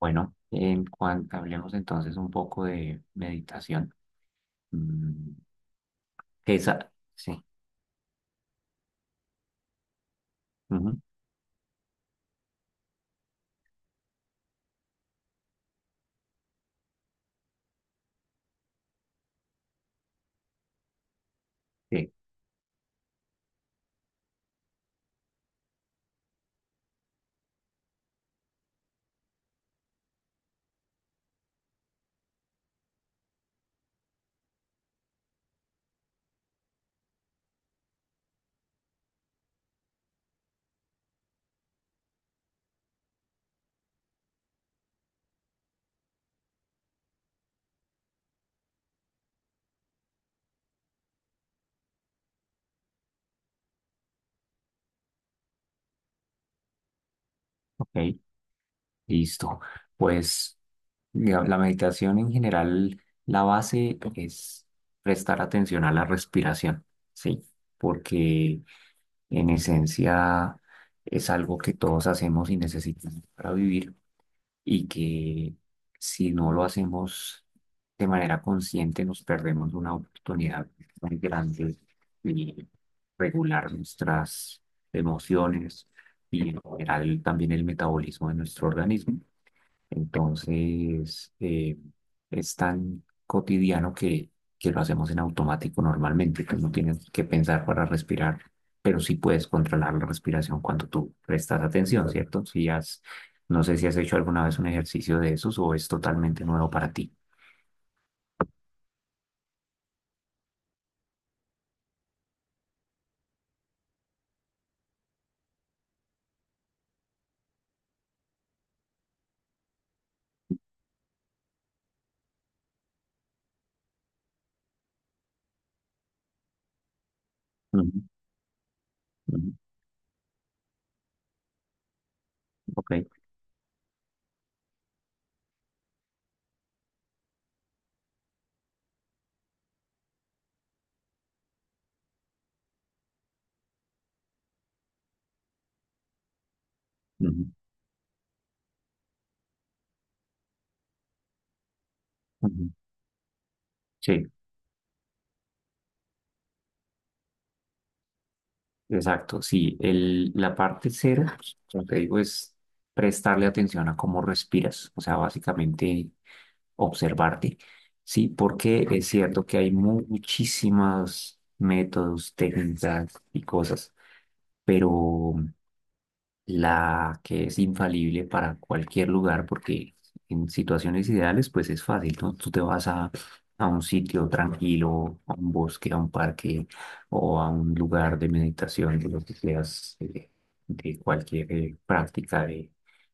Bueno, en cuanto hablemos entonces un poco de meditación. Mm, que esa, sí, ujú, sí, ok, listo. Pues digamos, la meditación en general, la base es prestar atención a la respiración, sí, porque en esencia es algo que todos hacemos y necesitamos para vivir. Y que si no lo hacemos de manera consciente nos perdemos una oportunidad muy grande de regular nuestras emociones y en general también el metabolismo de nuestro organismo. Entonces, es tan cotidiano que, lo hacemos en automático normalmente, que no tienes que pensar para respirar, pero sí puedes controlar la respiración cuando tú prestas atención, ¿cierto? No sé si has hecho alguna vez un ejercicio de esos o es totalmente nuevo para ti. Ujú, ujú, ok, ujú, ujú. Sí, exacto. Sí, la parte cera, como te digo, es prestarle atención a cómo respiras. O sea, básicamente observarte, ¿sí? Porque es cierto que hay muchísimos métodos, técnicas y cosas, pero la que es infalible para cualquier lugar, porque en situaciones ideales, pues es fácil, ¿no? Tú te vas a un sitio tranquilo, a un bosque, a un parque o a un lugar de meditación, de lo que seas, de cualquier práctica de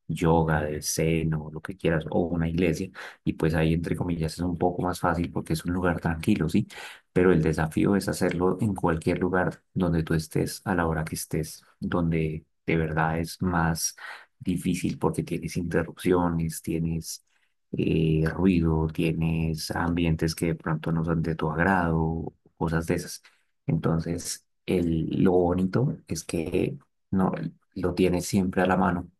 yoga, de zen o lo que quieras, o una iglesia, y pues ahí, entre comillas, es un poco más fácil porque es un lugar tranquilo, ¿sí? Pero el desafío es hacerlo en cualquier lugar donde tú estés, a la hora que estés, donde de verdad es más difícil porque tienes interrupciones, tienes ruido, tienes ambientes que de pronto no son de tu agrado, cosas de esas. Entonces, lo bonito es que no lo tienes siempre a la mano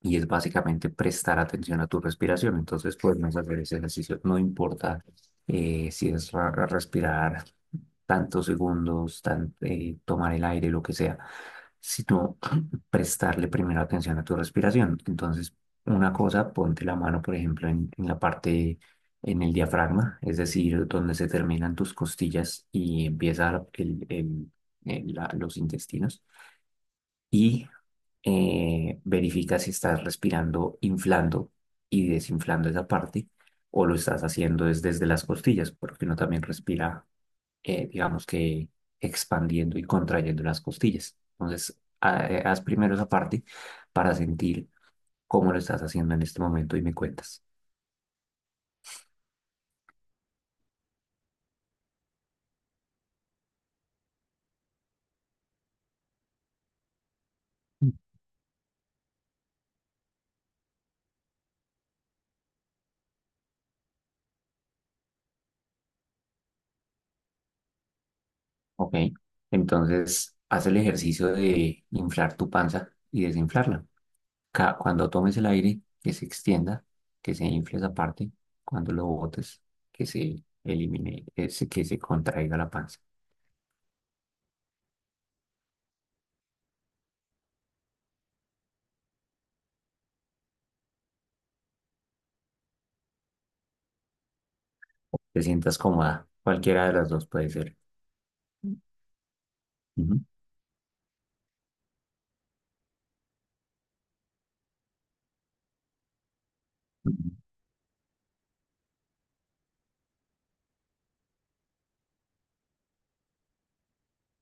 y es básicamente prestar atención a tu respiración. Entonces podemos hacer ese ejercicio. No importa si es respirar tantos segundos, tomar el aire, lo que sea, sino prestarle primero atención a tu respiración. Entonces, una cosa, ponte la mano, por ejemplo, en, la parte, en el diafragma, es decir, donde se terminan tus costillas y empieza los intestinos. Y verifica si estás respirando inflando y desinflando esa parte o lo estás haciendo es desde las costillas, porque uno también respira, digamos que expandiendo y contrayendo las costillas. Entonces, haz primero esa parte para sentir cómo lo estás haciendo en este momento y me cuentas. Mm. Ok, entonces haz el ejercicio de inflar tu panza y desinflarla. Cuando tomes el aire, que se extienda, que se infle esa parte, cuando lo botes, que se elimine, que se contraiga la panza. Te sientas cómoda, cualquiera de las dos puede ser. Ujú, ujú.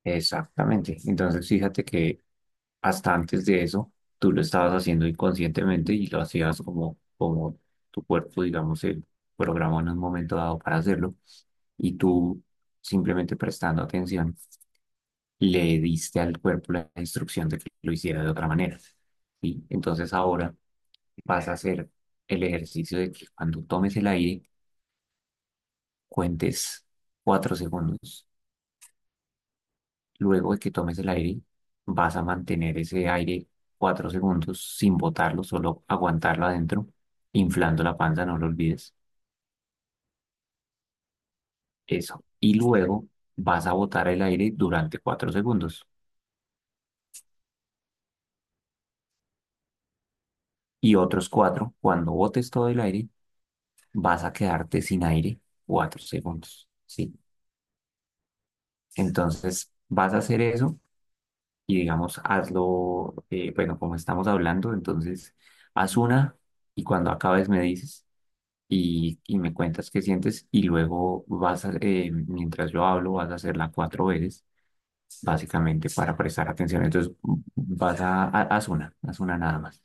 Exactamente. Entonces, fíjate que hasta antes de eso, tú lo estabas haciendo inconscientemente y lo hacías como, tu cuerpo, digamos, se programó en un momento dado para hacerlo y tú simplemente prestando atención le diste al cuerpo la instrucción de que lo hiciera de otra manera. ¿Sí? Entonces ahora vas a hacer el ejercicio de que cuando tomes el aire, cuentes 4 segundos. Luego de que tomes el aire, vas a mantener ese aire 4 segundos sin botarlo, solo aguantarlo adentro, inflando la panza, no lo olvides. Eso. Y luego vas a botar el aire durante 4 segundos. Y otros cuatro, cuando botes todo el aire, vas a quedarte sin aire 4 segundos, ¿sí? Entonces, vas a hacer eso y digamos, hazlo, bueno, como estamos hablando, entonces, haz una y cuando acabes me dices y me cuentas qué sientes y luego vas a, mientras yo hablo, vas a hacerla 4 veces, básicamente para prestar atención. Entonces, vas a- haz una nada más.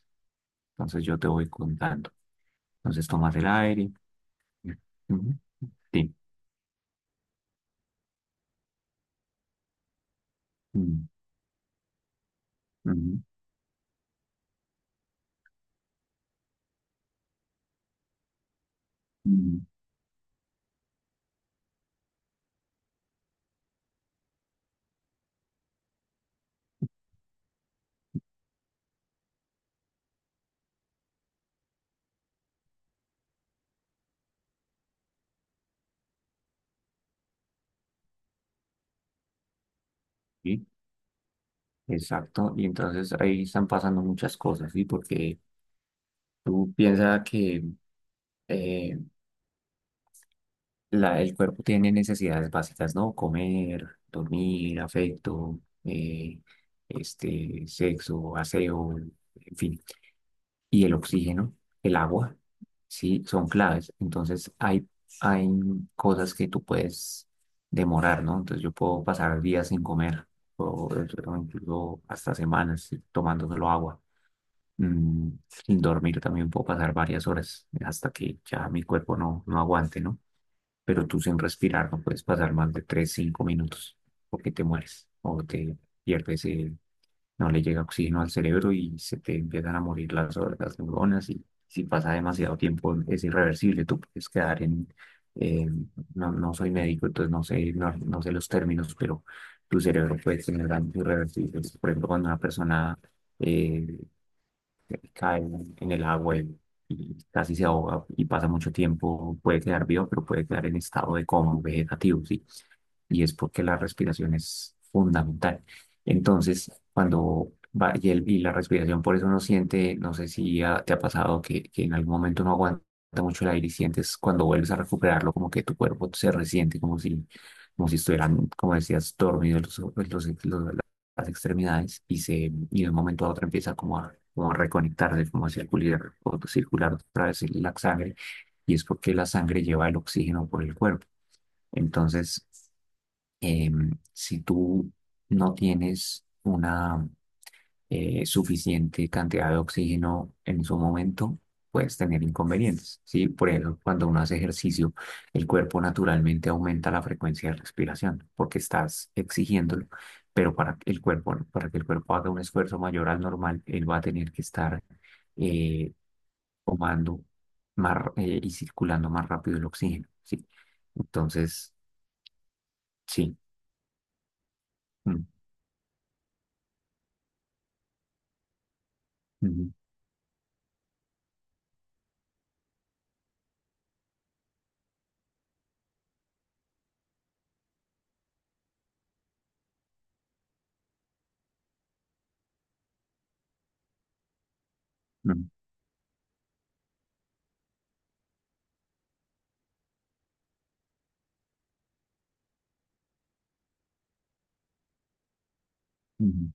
Entonces, yo te voy contando. Entonces, tomas el aire. Ujú, sí. Mm, ujú, mm, sí. Exacto, y entonces ahí están pasando muchas cosas, ¿sí? Porque tú piensas que eh, el cuerpo tiene necesidades básicas, ¿no? Comer, dormir, afecto, sexo, aseo, en fin. Y el oxígeno, el agua, ¿sí? Son claves. Entonces hay cosas que tú puedes demorar, ¿no? Entonces yo puedo pasar días sin comer, o, o incluso hasta semanas, ¿sí? Tomándoselo agua. Sin dormir también puedo pasar varias horas hasta que ya mi cuerpo no aguante, ¿no? Pero tú sin respirar no puedes pasar más de 3 5 minutos porque te mueres o te pierdes, no le llega oxígeno al cerebro y se te empiezan a morir las neuronas y si pasa demasiado tiempo es irreversible, tú puedes quedar en. eh, no, no soy médico, entonces no sé los términos, pero tu cerebro puede tener daños irreversibles. Por ejemplo, cuando una persona eh, cae en, el agua y casi se ahoga y pasa mucho tiempo, puede quedar vivo, pero puede quedar en estado de coma vegetativo, ¿sí? Y es porque la respiración es fundamental. Entonces, cuando va y la respiración, por eso uno siente, no sé si te ha pasado que, en algún momento no aguanta mucho el aire y sientes cuando vuelves a recuperarlo como que tu cuerpo se resiente, como si estuvieran, como decías, dormidos las extremidades y de un momento a otro empieza como a, como a reconectarse, como a circular, o circular otra vez la sangre y es porque la sangre lleva el oxígeno por el cuerpo. Entonces, si tú no tienes una suficiente cantidad de oxígeno en su momento, puedes tener inconvenientes, ¿sí? Por ejemplo, cuando uno hace ejercicio, el cuerpo naturalmente aumenta la frecuencia de respiración porque estás exigiéndolo, pero para que el cuerpo haga un esfuerzo mayor al normal, él va a tener que estar eh, tomando más, y circulando más rápido el oxígeno, ¿sí? Entonces, sí. Mm, ujú, ujú. Ujú.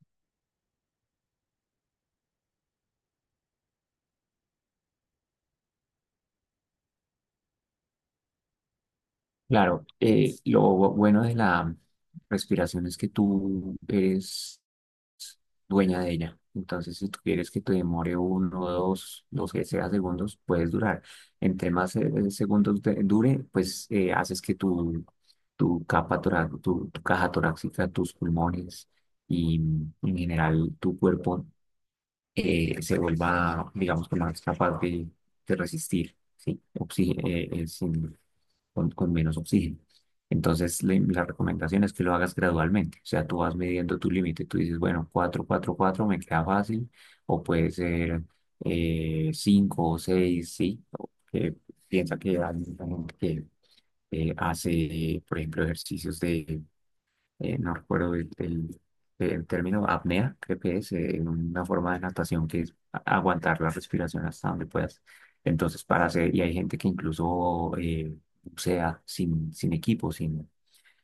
Claro, lo bueno de la respiración es que tú eres dueña de ella. Entonces, si tú quieres que te demore uno, dos, los que sea segundos, puedes durar. Entre más segundos dure, pues haces que tu capa tora- tu caja torácica, tus pulmones y en general tu cuerpo se vuelva, digamos, que más capaz de resistir, ¿sí? Con menos oxígeno. Entonces, la recomendación es que lo hagas gradualmente. O sea, tú vas midiendo tu límite. Tú dices, bueno, 4 4 4 me queda fácil, o puede ser 5 o seis, ¿sí? O que piensa que hay mucha gente que hace, por ejemplo, ejercicios de no recuerdo el término apnea, creo que es una forma de natación que es aguantar la respiración hasta donde puedas. Entonces, y hay gente que incluso bucea sin equipo, sin,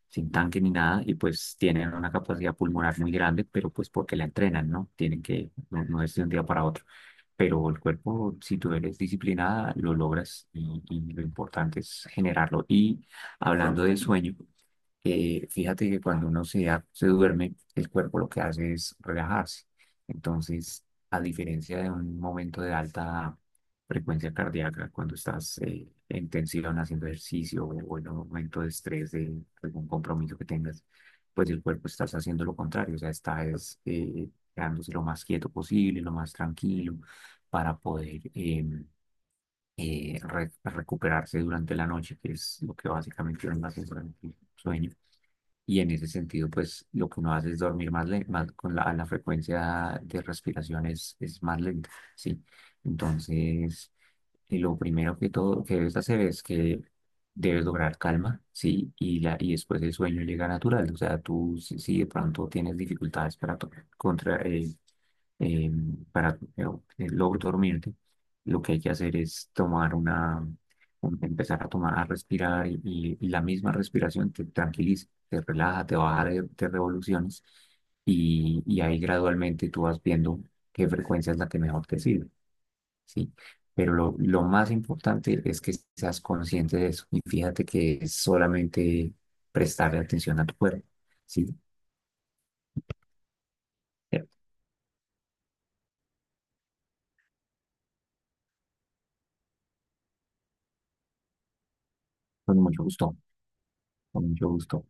sin tanque ni nada, y pues tienen una capacidad pulmonar muy grande, pero pues porque la entrenan, ¿no? No, no es de un día para otro. Pero el cuerpo, si tú eres disciplinada, lo logras y lo importante es generarlo. Y hablando de sueño, fíjate que cuando uno se duerme, el cuerpo lo que hace es relajarse. Entonces, a diferencia de un momento de alta frecuencia cardíaca, cuando estás en tensión haciendo ejercicio o en un momento de estrés de algún compromiso que tengas, pues el cuerpo estás haciendo lo contrario, o sea, estás quedándose lo más quieto posible, lo más tranquilo, para poder recuperarse durante la noche, que es lo que básicamente es la sensación del sueño y en ese sentido, pues lo que uno hace es dormir más, más con la frecuencia de respiración es más lenta, ¿sí? Entonces, y lo primero que todo que debes hacer es que debes lograr calma, ¿sí? Y después el sueño llega natural. O sea, tú si, de pronto tienes dificultades para, to- contra, eh, para lograr dormirte, lo que hay que hacer es tomar empezar a respirar y la misma respiración te tranquiliza, te relaja, te baja de revoluciones y ahí gradualmente tú vas viendo qué frecuencia es la que mejor te sirve. ¿Sí? Pero lo más importante es que seas consciente de eso y fíjate que es solamente prestarle atención a tu cuerpo, ¿sí? Con mucho gusto, con mucho gusto.